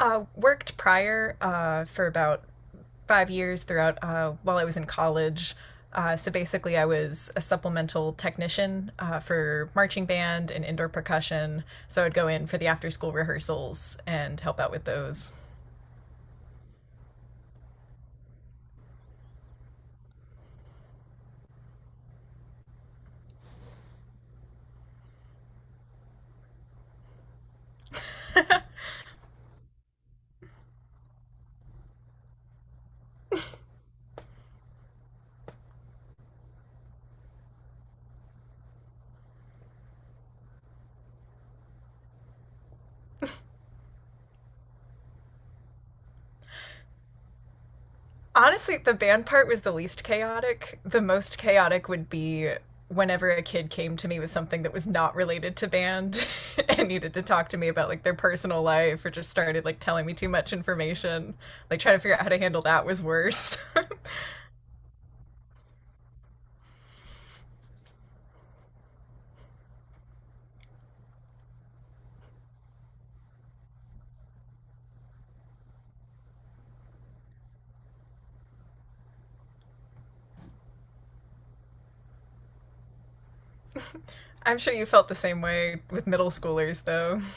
Worked prior for about 5 years throughout while I was in college. So basically, I was a supplemental technician for marching band and indoor percussion. So I'd go in for the after school rehearsals and help out with those. Honestly, the band part was the least chaotic. The most chaotic would be whenever a kid came to me with something that was not related to band and needed to talk to me about like their personal life or just started like telling me too much information. Like trying to figure out how to handle that was worse. I'm sure you felt the same way with middle schoolers though.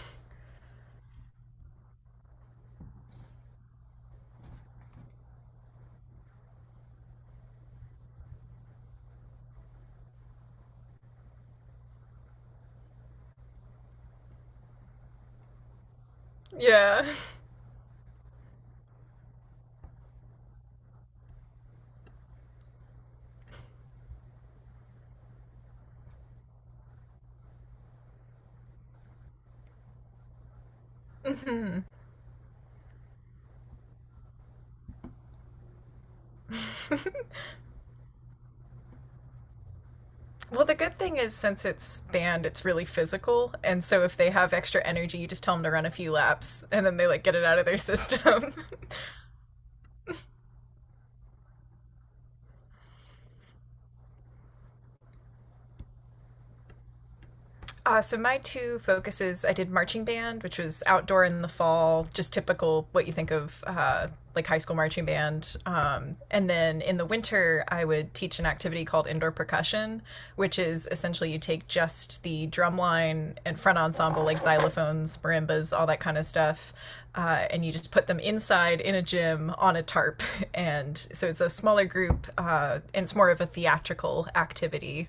Yeah. hmm Well, the good thing is since it's band, it's really physical, and so if they have extra energy, you just tell them to run a few laps and then they like get it out of their system. So my two focuses, I did marching band, which was outdoor in the fall, just typical what you think of like high school marching band. And then in the winter, I would teach an activity called indoor percussion, which is essentially you take just the drum line and front ensemble, like xylophones, marimbas, all that kind of stuff, and you just put them inside in a gym on a tarp. And so it's a smaller group, and it's more of a theatrical activity.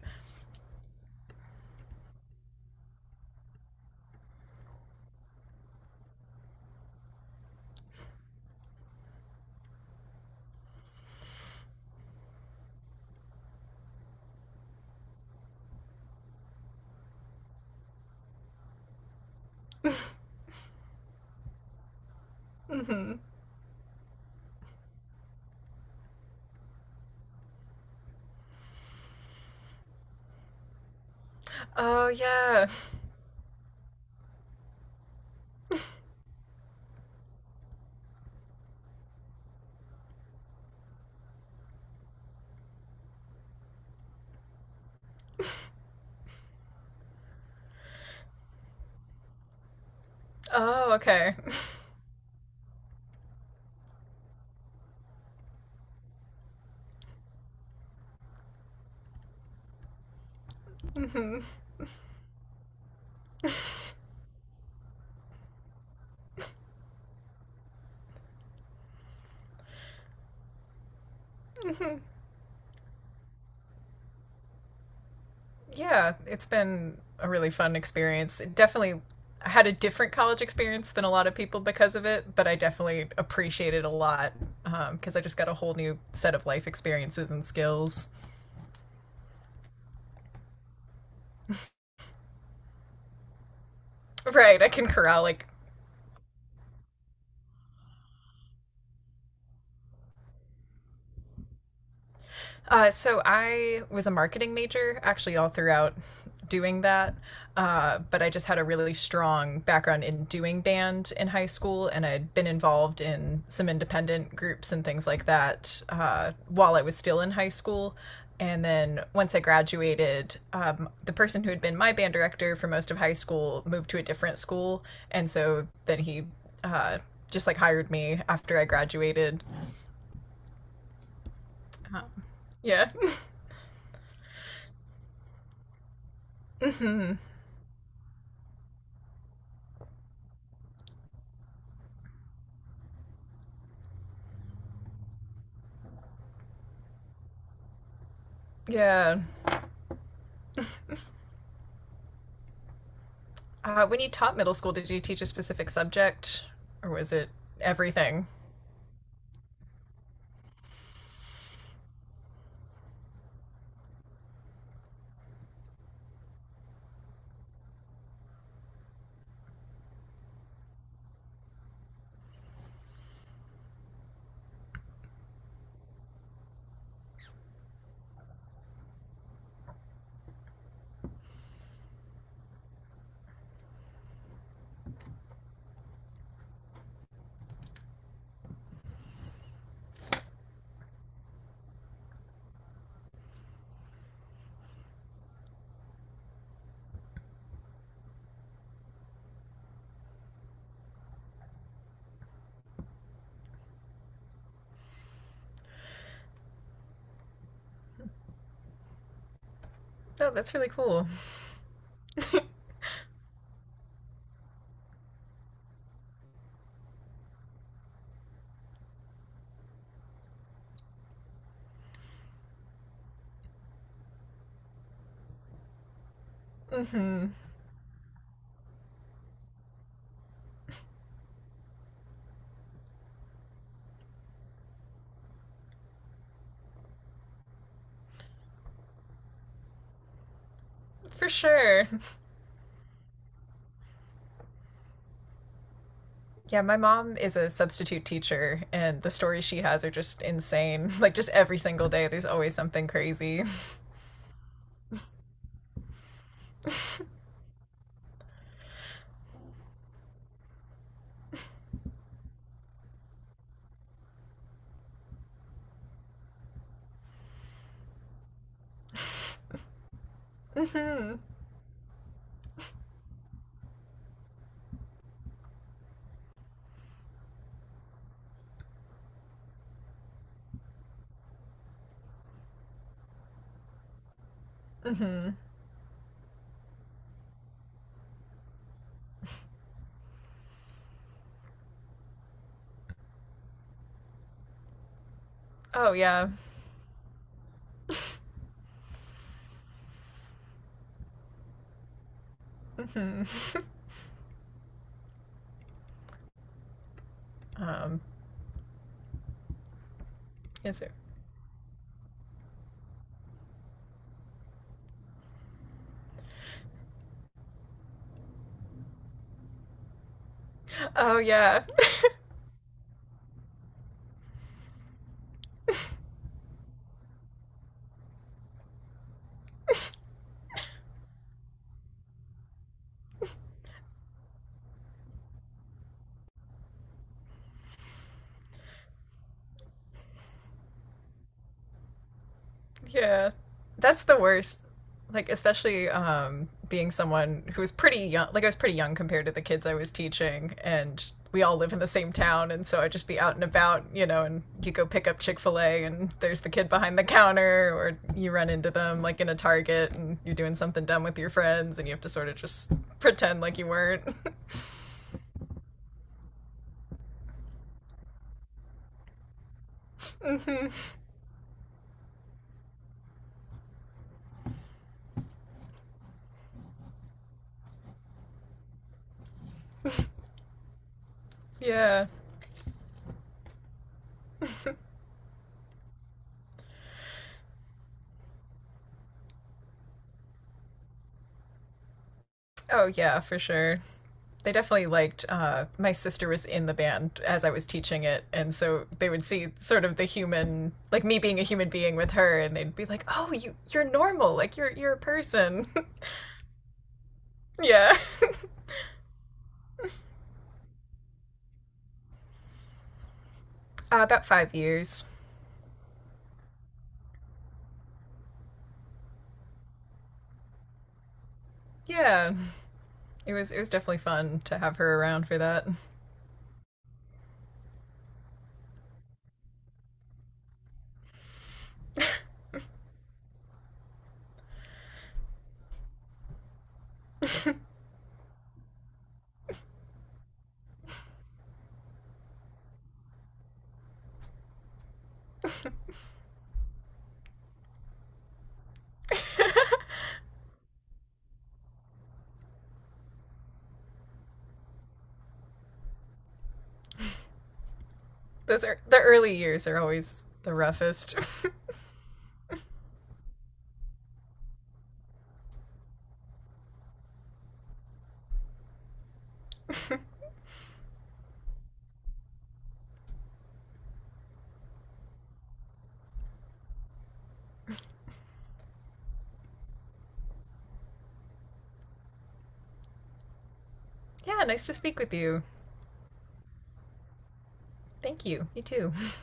Mm-hmm. Oh, yeah. Oh, okay. Yeah, it's been a really fun experience. It definitely I had a different college experience than a lot of people because of it, but I definitely appreciate it a lot because I just got a whole new set of life experiences and skills. Right, I can corral like. So I was a marketing major actually all throughout doing that. But I just had a really strong background in doing band in high school, and I'd been involved in some independent groups and things like that while I was still in high school. And then once I graduated, the person who had been my band director for most of high school moved to a different school. And so then he uh, just like hired me after I graduated. Um, yeah. Yeah. When you taught middle school, did you teach a specific subject or was it everything? Oh, that's really cool. Hmm. For sure. Yeah, my mom is a substitute teacher, and the stories she has are just insane. Like, just every single day, there's always something crazy. Hmm. Hmm. Oh, yeah. Hmm. um, yes, sir. Oh, yeah. Yeah. That's the worst. Like especially being someone who was pretty young, like I was pretty young compared to the kids I was teaching, and we all live in the same town, and so I'd just be out and about, you know, and you go pick up Chick-fil-A and there's the kid behind the counter, or you run into them like in a Target and you're doing something dumb with your friends and you have to sort of just pretend like you weren't. Yeah. Oh yeah, for sure. They definitely liked, my sister was in the band as I was teaching it, and so they would see sort of the human, like me being a human being with her, and they'd be like, oh, you're normal, like you're a person. Yeah. About 5 years. Yeah, it was definitely fun to have her around for that. Those are the, early years are always the roughest. Yeah, nice to speak with you. Thank you, you too.